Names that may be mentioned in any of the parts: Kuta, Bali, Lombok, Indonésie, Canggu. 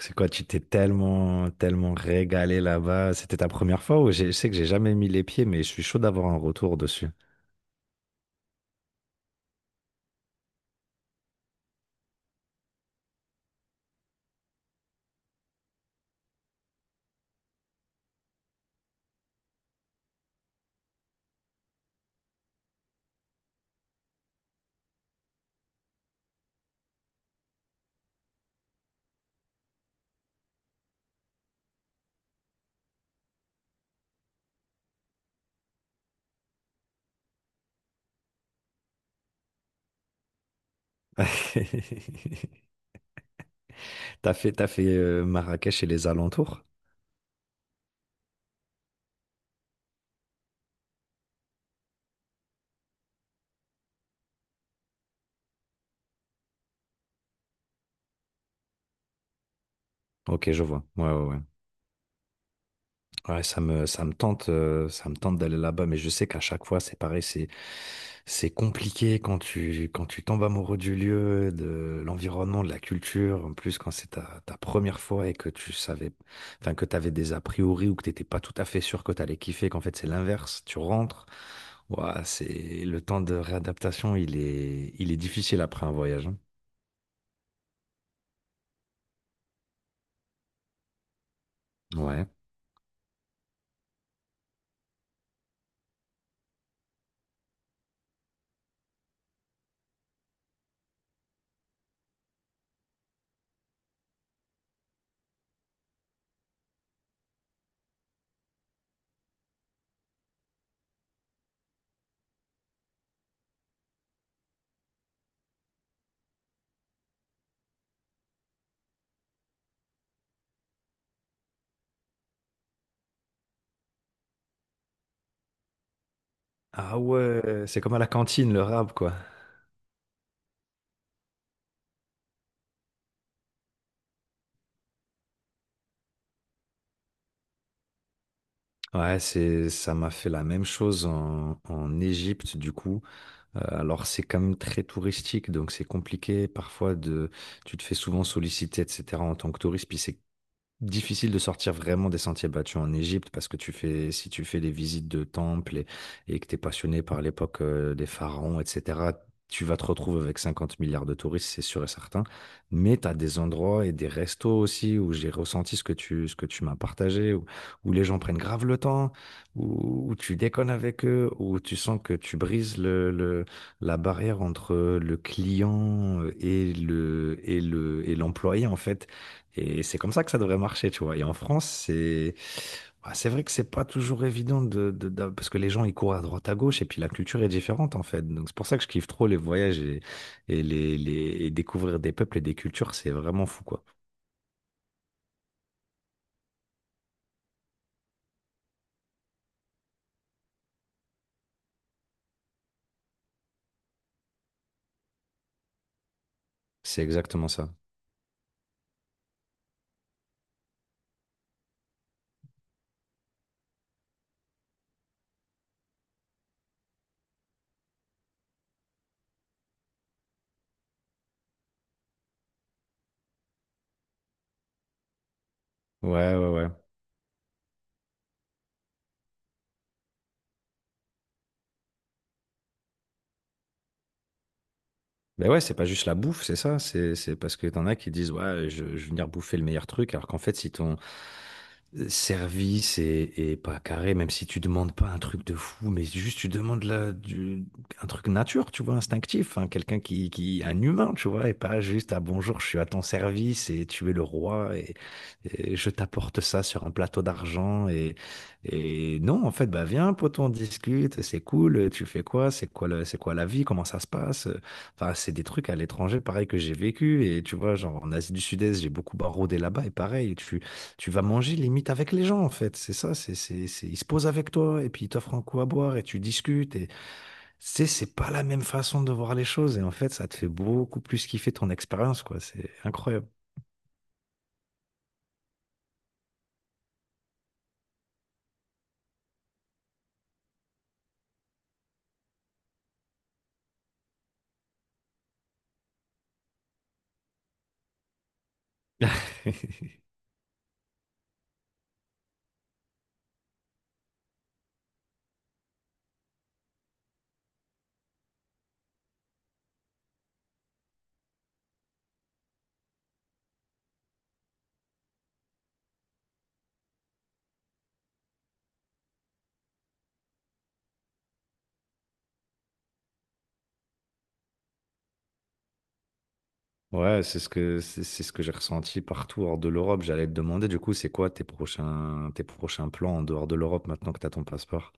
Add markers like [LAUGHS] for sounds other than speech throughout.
C'est quoi, tu t'es tellement régalé là-bas. C'était ta première fois ou je sais que j'ai jamais mis les pieds, mais je suis chaud d'avoir un retour dessus. [LAUGHS] T'as fait Marrakech et les alentours? Ok, je vois. Ouais, ouais, ouais. Ouais, ça me tente d'aller là-bas, mais je sais qu'à chaque fois, c'est pareil, c'est compliqué quand tu tombes amoureux du lieu, de l'environnement, de la culture. En plus, quand c'est ta première fois et que tu savais, enfin, que t'avais des a priori ou que t'étais pas tout à fait sûr que t'allais kiffer, qu'en fait, c'est l'inverse. Tu rentres. Ouah, c'est, le temps de réadaptation, il est difficile après un voyage, hein. Ouais. Ah ouais, c'est comme à la cantine, le rap, quoi. Ouais, ça m'a fait la même chose en, en Égypte, du coup. Alors, c'est quand même très touristique, donc c'est compliqué. Parfois, de, tu te fais souvent solliciter, etc., en tant que touriste, puis c'est difficile de sortir vraiment des sentiers battus en Égypte parce que tu fais, si tu fais les visites de temples et que tu es passionné par l'époque des pharaons, etc., tu vas te retrouver avec 50 milliards de touristes, c'est sûr et certain. Mais tu as des endroits et des restos aussi où j'ai ressenti ce que tu m'as partagé, où, où les gens prennent grave le temps, où, où tu déconnes avec eux, où tu sens que tu brises la barrière entre le client et l'employé, en fait, et c'est comme ça que ça devrait marcher, tu vois. Et en France, c'est bah, c'est vrai que c'est pas toujours évident de, parce que les gens ils courent à droite à gauche et puis la culture est différente en fait. Donc c'est pour ça que je kiffe trop les voyages et et découvrir des peuples et des cultures, c'est vraiment fou quoi. C'est exactement ça. Ouais, ouais, ouais. Ben ouais, c'est pas juste la bouffe, c'est ça. C'est parce que t'en as qui disent, ouais, je vais venir bouffer le meilleur truc, alors qu'en fait, si ton service est pas carré, même si tu demandes pas un truc de fou, mais juste tu demandes la, du, un truc nature, tu vois, instinctif, hein, quelqu'un un humain, tu vois, et pas juste, ah bonjour, je suis à ton service et tu es le roi et je t'apporte ça sur un plateau d'argent et non, en fait, bah viens, pote, on discute, c'est cool, tu fais quoi, c'est quoi c'est quoi la vie, comment ça se passe. Enfin, c'est des trucs à l'étranger, pareil, que j'ai vécu. Et tu vois, genre en Asie du Sud-Est, j'ai beaucoup baroudé là-bas. Et pareil, tu vas manger limite avec les gens, en fait. C'est ça, ils se posent avec toi et puis ils t'offrent un coup à boire et tu discutes. Et c'est pas la même façon de voir les choses. Et en fait, ça te fait beaucoup plus kiffer ton expérience, quoi. C'est incroyable. [LAUGHS] Ouais, c'est ce que j'ai ressenti partout hors de l'Europe. J'allais te demander, du coup, c'est quoi tes prochains plans en dehors de l'Europe maintenant que tu as ton passeport?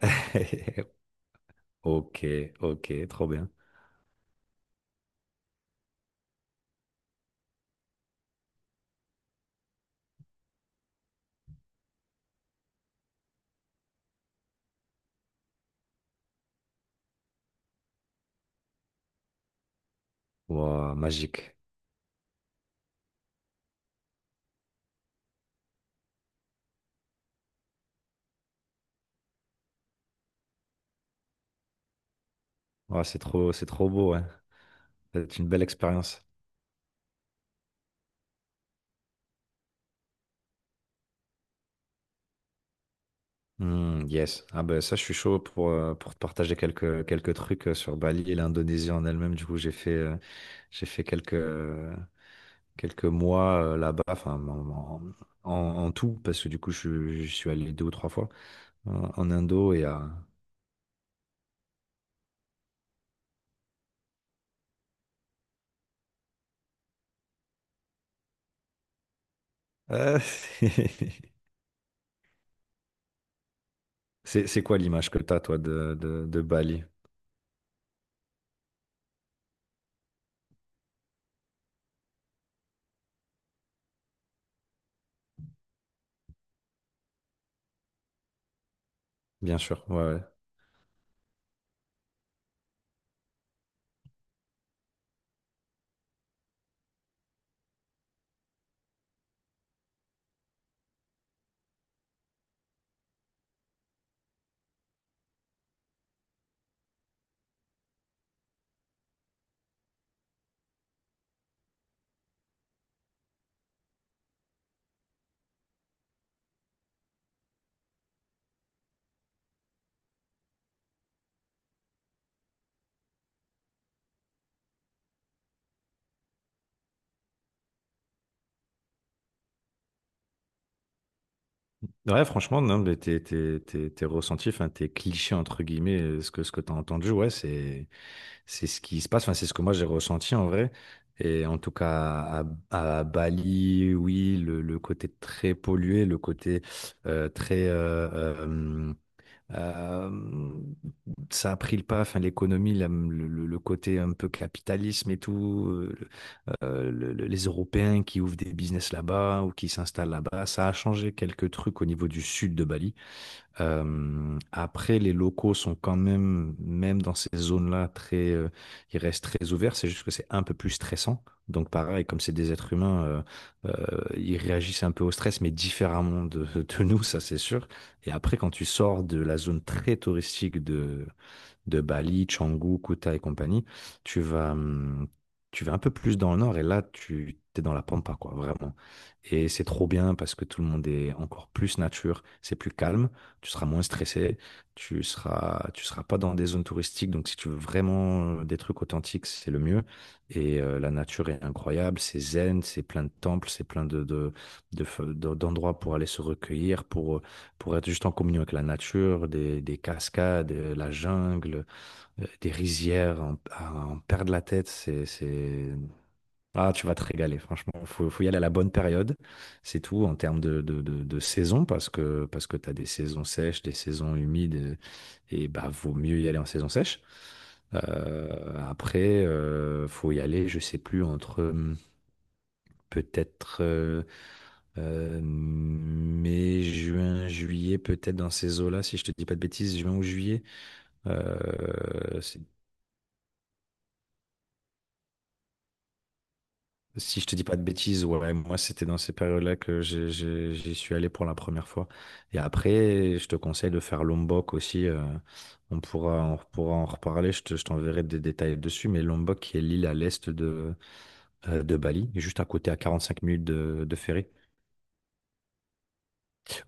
[LAUGHS] Ok, ok, trop bien. Wow, magique. Wow, c'est trop beau, hein. C'est une belle expérience. Hmm, yes. Ah ben ça, je suis chaud pour te partager quelques trucs sur Bali et l'Indonésie en elle-même. Du coup, j'ai fait quelques mois là-bas, enfin en, en, en tout, parce que du coup, je suis allé deux ou trois fois en, en Indo et à... [LAUGHS] c'est quoi l'image que t'as, toi, de, de Bali? Bien sûr, ouais, ouais. Ouais, franchement, non, mais tes ressentis, enfin, tes clichés, entre guillemets, ce que tu as entendu, ouais, c'est ce qui se passe, enfin, c'est ce que moi j'ai ressenti en vrai. Et en tout cas, à Bali, oui, le côté très pollué, le côté très euh, euh, ça a pris le pas, enfin, l'économie, le côté un peu capitalisme et tout, les Européens qui ouvrent des business là-bas ou qui s'installent là-bas, ça a changé quelques trucs au niveau du sud de Bali. Après, les locaux sont quand même, même dans ces zones-là, très, ils restent très ouverts, c'est juste que c'est un peu plus stressant. Donc pareil, comme c'est des êtres humains, ils réagissent un peu au stress, mais différemment de, [LAUGHS] de nous, ça c'est sûr. Et après, quand tu sors de la zone très touristique de Bali, Canggu, Kuta et compagnie, tu vas, hum, tu vas un peu plus dans le nord et là, tu es dans la pampa, quoi, vraiment. Et c'est trop bien parce que tout le monde est encore plus nature, c'est plus calme, tu seras moins stressé, tu seras pas dans des zones touristiques. Donc, si tu veux vraiment des trucs authentiques, c'est le mieux. Et la nature est incroyable, c'est zen, c'est plein de temples, c'est plein de, d'endroits pour aller se recueillir, pour être juste en communion avec la nature, des cascades, la jungle des rizières, en, à en perdre la tête, c'est... Ah, tu vas te régaler, franchement. Faut y aller à la bonne période, c'est tout, en termes de, de saison, parce que tu as des saisons sèches, des saisons humides, et bah, vaut mieux y aller en saison sèche. Après, faut y aller, je sais plus, entre peut-être mai, juin, juillet, peut-être dans ces eaux-là, si je te dis pas de bêtises, juin ou juillet. C'est... Si je te dis pas de bêtises, ouais, moi c'était dans ces périodes-là que j'y suis allé pour la première fois. Et après, je te conseille de faire Lombok aussi. Euh, on pourra en reparler. Je t'enverrai des détails dessus. Mais Lombok, qui est l'île à l'est de Bali, juste à côté, à 45 minutes de ferry.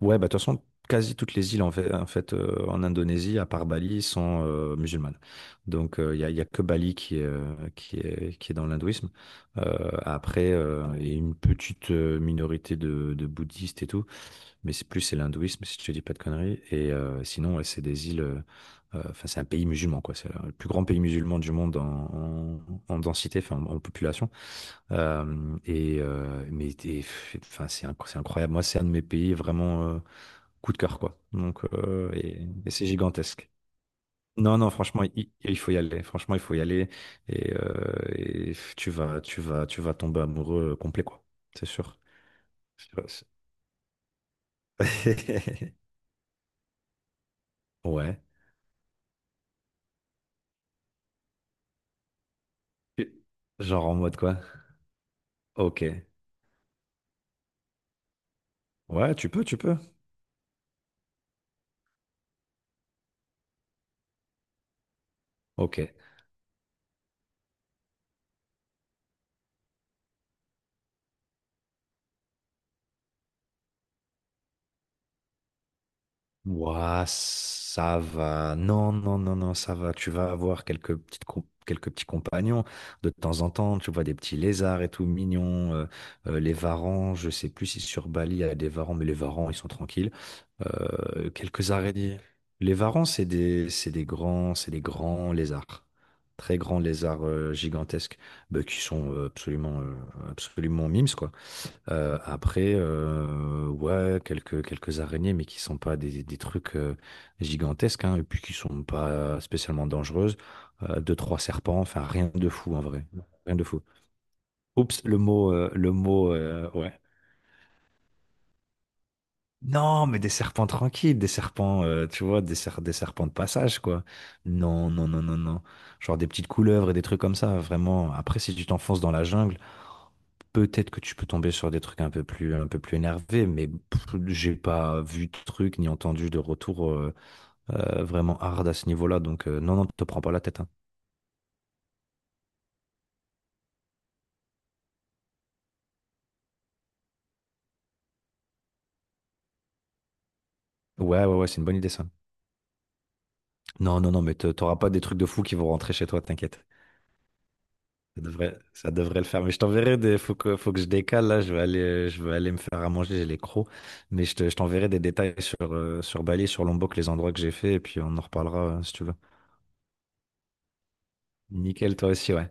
Ouais, bah, de toute façon, quasi toutes les îles en fait, en Indonésie, à part Bali, sont musulmanes. Donc, y a que Bali qui est, qui est dans l'hindouisme. Après, il y a une petite minorité de bouddhistes et tout, mais c'est l'hindouisme, si je te dis pas de conneries. Et sinon, ouais, c'est des îles, enfin, c'est un pays musulman, quoi. C'est le plus grand pays musulman du monde en, en, en densité, enfin, en, en population. Euh, et, euh, mais, et, enfin, c'est incroyable. Moi, c'est un de mes pays vraiment, coup de cœur, quoi. Donc, et c'est gigantesque. Non, non, franchement, il faut y aller. Franchement, il faut y aller. Et tu vas tomber amoureux complet, quoi. C'est sûr. Je sais pas, c'est... [LAUGHS] Ouais. Genre en mode quoi? Ok. Ouais, tu peux. Ok. Ouah, ça va. Non, non, non, non, ça va. Tu vas avoir quelques petits compagnons de temps en temps. Tu vois des petits lézards et tout mignons. Euh, les varans, je sais plus si sur Bali il y a des varans, mais les varans, ils sont tranquilles. Quelques araignées. Les varans, c'est des, c'est des grands lézards. Très grands lézards gigantesques, bah, qui sont absolument, absolument mimes, quoi. Après, ouais, quelques araignées, mais qui sont pas des, des trucs gigantesques, hein, et puis qui sont pas spécialement dangereuses. Deux, trois serpents, enfin rien de fou en vrai. Rien de fou. Oups, le mot, ouais. Non, mais des serpents tranquilles, des serpents, tu vois, des serpents de passage, quoi. Non, non, non, non, non. Genre des petites couleuvres et des trucs comme ça, vraiment. Après, si tu t'enfonces dans la jungle, peut-être que tu peux tomber sur des trucs un peu plus énervés, mais pff, j'ai pas vu de trucs ni entendu de retour vraiment hard à ce niveau-là. Donc non, non, te prends pas la tête, hein. Ouais, ouais, ouais, c'est une bonne idée ça. Non, non, non, mais t'auras pas des trucs de fou qui vont rentrer chez toi, t'inquiète. Ça devrait le faire. Mais je t'enverrai des... Faut que je décale là. Je vais aller me faire à manger. J'ai les crocs. Mais je t'enverrai des détails sur, sur Bali, sur Lombok, les endroits que j'ai fait, et puis on en reparlera si tu veux. Nickel, toi aussi, ouais.